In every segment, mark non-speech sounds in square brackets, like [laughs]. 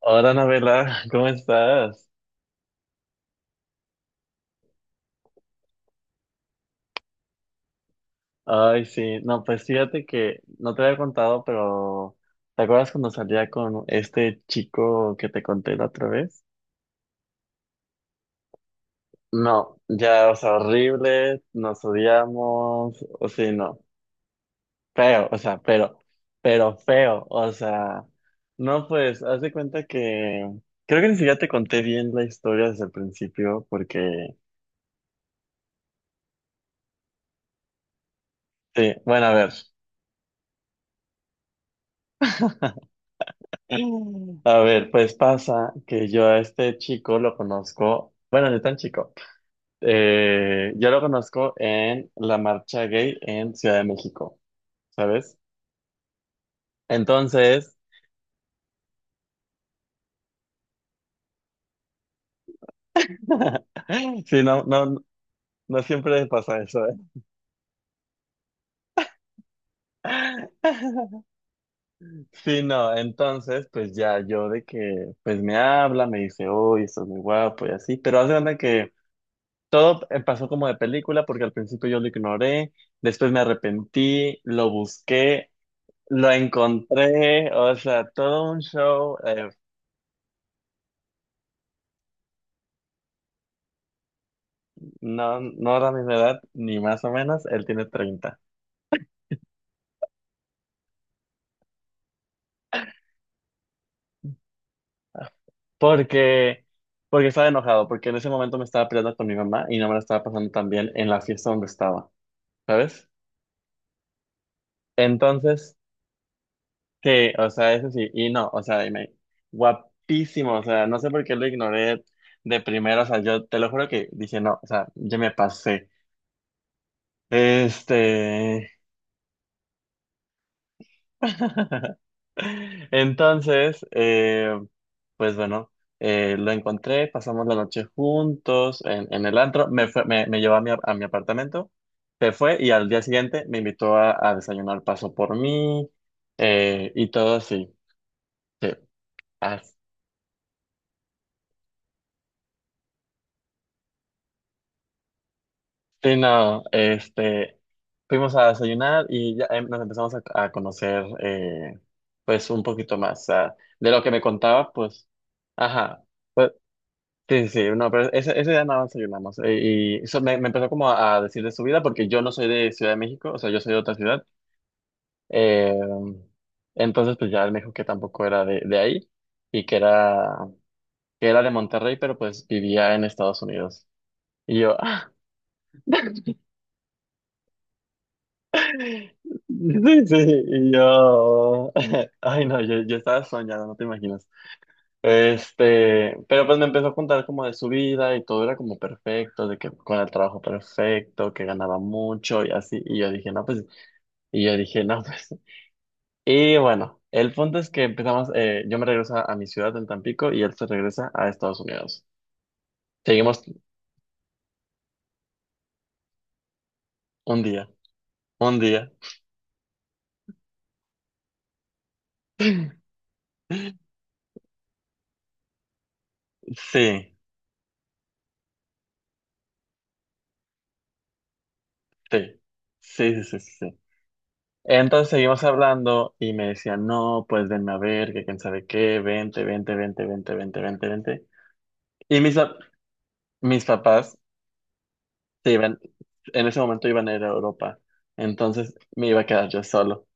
Hola, Anabela, [laughs] ¿cómo estás? Ay, sí, no, pues fíjate que no te había contado, pero ¿te acuerdas cuando salía con este chico que te conté la otra vez? No, ya, o sea, horrible, nos odiamos, o sí, no, feo, o sea, pero feo, o sea, no, pues, haz de cuenta que creo que ni siquiera te conté bien la historia desde el principio, porque, sí, bueno, a ver. [laughs] A ver, pues pasa que yo a este chico lo conozco, bueno, no tan chico, yo lo conozco en la marcha gay en Ciudad de México, ¿sabes? Entonces, [laughs] sí, no, no, no siempre pasa eso, ¿eh? [laughs] Sí, no, entonces, pues ya yo de que, pues me habla, me dice, uy, estás muy guapo y así, pero hace cuenta que todo pasó como de película porque al principio yo lo ignoré, después me arrepentí, lo busqué, lo encontré, o sea, todo un show. No, no era mi edad, ni más o menos. Él tiene 30. Porque, porque estaba enojado, porque en ese momento me estaba peleando con mi mamá y no me la estaba pasando tan bien en la fiesta donde estaba, ¿sabes? Entonces, que, o sea, eso sí, y no, o sea, guapísimo, o sea, no sé por qué lo ignoré de primero, o sea, yo te lo juro que dije, no, o sea, yo me pasé. Este. [laughs] Entonces, pues bueno, lo encontré, pasamos la noche juntos en el antro, me llevó a mi apartamento, se fue y al día siguiente me invitó a desayunar, pasó por mí y todo así. Sí, así no, fuimos a desayunar y ya nos empezamos a conocer, pues un poquito más. O sea, de lo que me contaba, pues, ajá. Sí, sí, no, pero ese día nada más soy nada más. Y eso me empezó como a decir de su vida, porque yo no soy de Ciudad de México, o sea, yo soy de otra ciudad. Eh, entonces, pues ya él me dijo que tampoco era de ahí y que era de Monterrey, pero pues vivía en Estados Unidos. Y yo, [laughs] sí, sí, y yo, [laughs] ay, no, yo, estaba soñado, no te imaginas. Pero pues me empezó a contar como de su vida y todo era como perfecto, de que con el trabajo perfecto, que ganaba mucho y así. Y yo dije, no, pues, y yo dije, no, [laughs] pues. Y bueno, el punto es que empezamos, yo me regreso a mi ciudad en Tampico y él se regresa a Estados Unidos. Seguimos un día, un día. Sí, sí, sí, sí, sí, sí. Sí. Entonces seguimos hablando y me decía, no, pues venme a ver, que quién sabe qué, vente, vente, vente, vente, vente, vente, vente. Y mis papás se iban, en ese momento iban a ir a Europa, entonces me iba a quedar yo solo.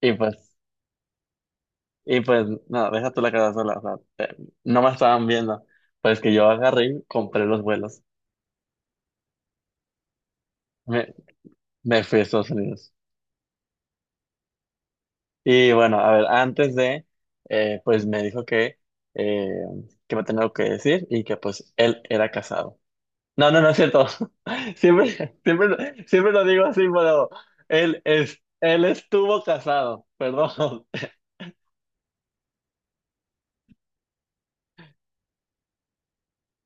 Y pues, y pues, no, deja tú la quedar sola, o sea, te- no me estaban viendo. Pues que yo agarré y compré los vuelos. Me, me fui a Estados Unidos. Y bueno, a ver, antes de, pues me dijo eh, que me tenía algo que decir y que pues él era casado. No, no, no es cierto. [laughs] Siempre, siempre, lo- siempre lo digo así, pero él estuvo casado, [laughs] perdón.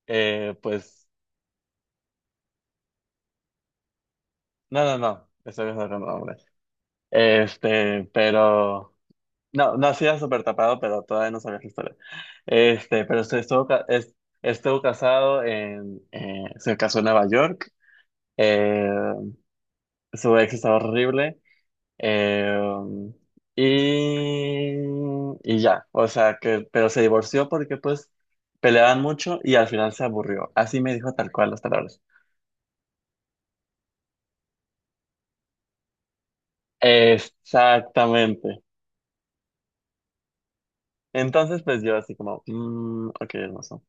Pues, no, no, no, estoy pensando en nombre. Pero, no, no hacía súper tapado, pero todavía no sabía su historia. Este, pero se estuvo, ca- es- Se casó en Nueva York, eh, su ex estaba horrible, eh, y, y ya, o sea, que, pero se divorció porque pues peleaban mucho y al final se aburrió. Así me dijo tal cual las palabras. Exactamente. Entonces, pues yo así como, ok, hermoso.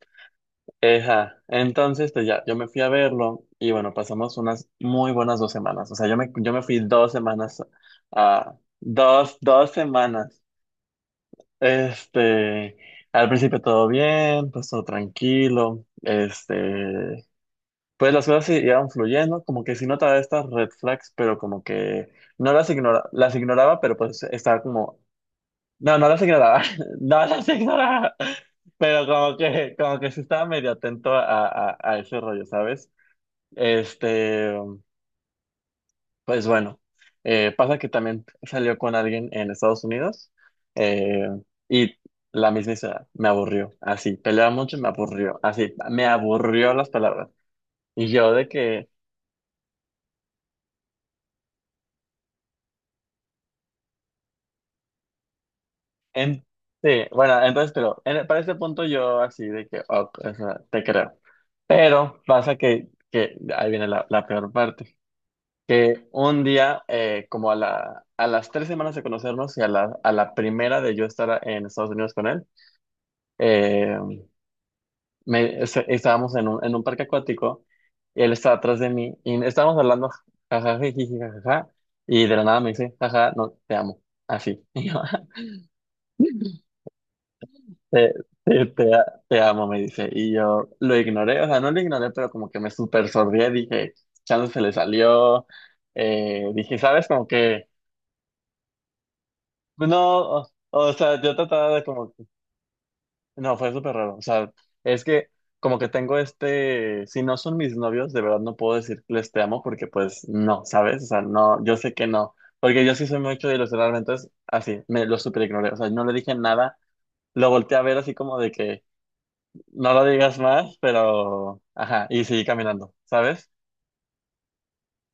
Eja, entonces, pues ya, yo me fui a verlo y bueno, pasamos unas muy buenas 2 semanas. O sea, yo me fui 2 semanas, a dos semanas. Este, al principio todo bien, pues todo tranquilo. Pues las cosas se iban fluyendo, como que sí notaba estas red flags, pero como que no las ignoraba, pero pues estaba como no, no las ignoraba, [laughs] no las ignoraba, pero como que sí estaba medio atento a ese rollo, ¿sabes? Este, pues bueno, pasa que también salió con alguien en Estados Unidos, eh, y la misma historia, me aburrió, así, peleaba mucho, me aburrió, así, me aburrió las palabras. Y yo de que, En, sí, bueno, entonces, pero para este punto yo así de que, ok, o sea, te creo. Pero pasa que, ahí viene la peor parte, que un día, como a las 3 semanas de conocernos y a la primera de yo estar en Estados Unidos con él, eh, estábamos en un parque acuático y él estaba atrás de mí y estábamos hablando, jajaja, jiji, jajaja, y de la nada me dice, jaja, no, te amo, así. [laughs] Te, te amo, me dice. Y yo lo ignoré, o sea, no lo ignoré, pero como que me super sordí, dije, chance se le salió. Dije, ¿sabes? Como que, pues, no, o sea, yo trataba de como, no, fue súper raro. O sea, es que como que tengo si no son mis novios, de verdad no puedo decir que les te amo porque pues no, ¿sabes? O sea, no, yo sé que no. Porque yo sí soy mucho de ilusionarme, entonces así, me lo super ignoré. O sea, no le dije nada, lo volteé a ver así como de que... no lo digas más, pero, ajá, y seguí caminando, ¿sabes?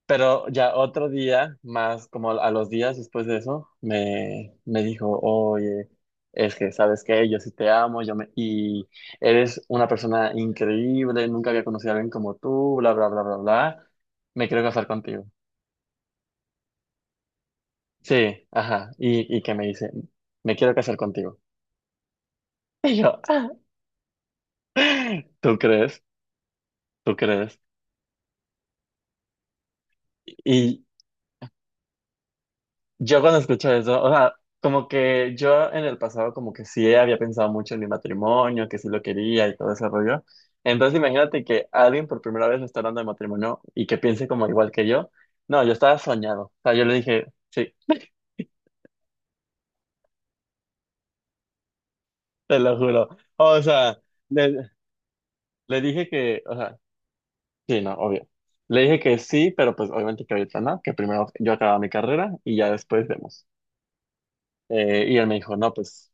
Pero ya otro día, más como a los días después de eso, me dijo, oye, es que sabes que yo sí te amo, y eres una persona increíble, nunca había conocido a alguien como tú, bla, bla, bla, bla, bla, me quiero casar contigo. Sí, ajá, y que me dice, me quiero casar contigo. Y yo, [laughs] ¿tú crees? ¿Tú crees? Yo cuando escucho eso, o sea, como que yo en el pasado como que sí había pensado mucho en mi matrimonio, que sí lo quería y todo ese rollo. Entonces imagínate que alguien por primera vez me está hablando de matrimonio y que piense como igual que yo. No, yo estaba soñado. O sea, yo le dije, sí, te lo juro. O sea, le, le dije que, o sea, sí, no, obvio. Le dije que sí, pero pues obviamente que ahorita no, que primero yo acababa mi carrera y ya después vemos. Y él me dijo, no, pues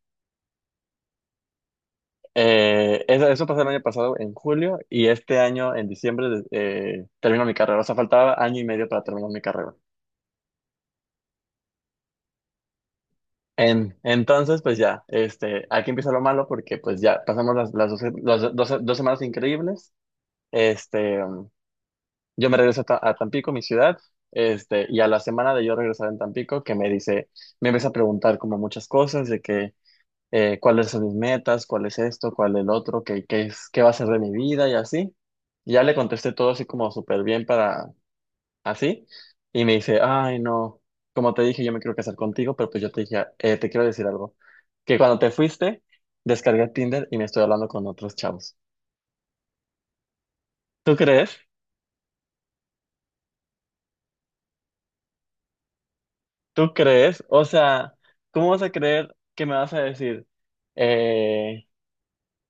eso pasó el año pasado en julio y este año en diciembre termino mi carrera. O sea, faltaba año y medio para terminar mi carrera. Entonces, pues ya, aquí empieza lo malo porque pues ya pasamos las, doce- las do- doce- dos semanas increíbles. Este, um, yo me regreso a Tampico, mi ciudad, y a la semana de yo regresar en Tampico, me empieza a preguntar como muchas cosas de que cuáles son mis metas, cuál es esto, cuál el otro, qué, es, qué va a ser de mi vida y así. Y ya le contesté todo así como súper bien para así. Y me dice, ay, no, como te dije, yo me quiero casar contigo, pero pues yo te dije, te quiero decir algo. Que cuando te fuiste, descargué Tinder y me estoy hablando con otros chavos. ¿Tú crees? ¿Tú crees? O sea, ¿cómo vas a creer que me vas a decir, eh,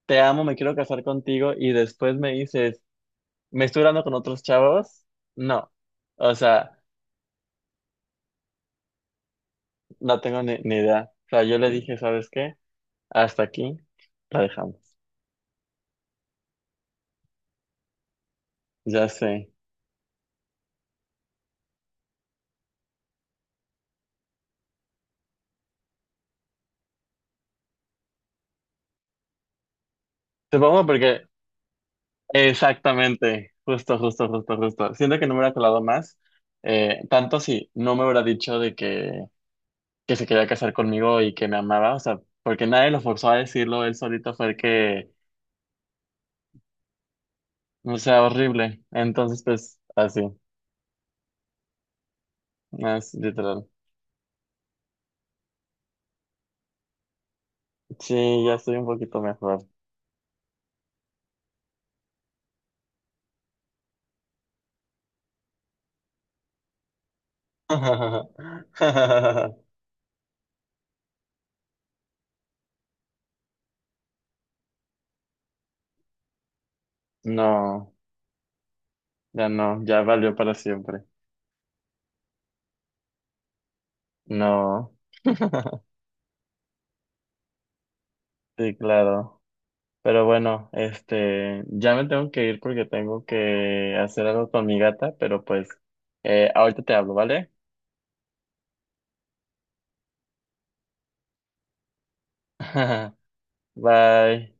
te amo, me quiero casar contigo y después me dices... ¿Me estoy hablando con otros chavos? No. O sea, no tengo ni idea. O sea, yo le dije, ¿sabes qué? Hasta aquí la dejamos. Ya sé. Supongo porque... Exactamente. Justo, justo, justo, justo. Siento que no me hubiera colado más. Tanto si no me hubiera dicho de que, se quería casar conmigo y que me amaba. O sea, porque nadie lo forzó a decirlo. Él solito fue el que... No sea horrible. Entonces, pues, así. Más literal. Sí, ya estoy un poquito mejor. [laughs] No, ya no, ya valió para siempre. No. [laughs] Sí, claro. Pero bueno, ya me tengo que ir porque tengo que hacer algo con mi gata, pero pues, ahorita te hablo, ¿vale? [laughs] Bye.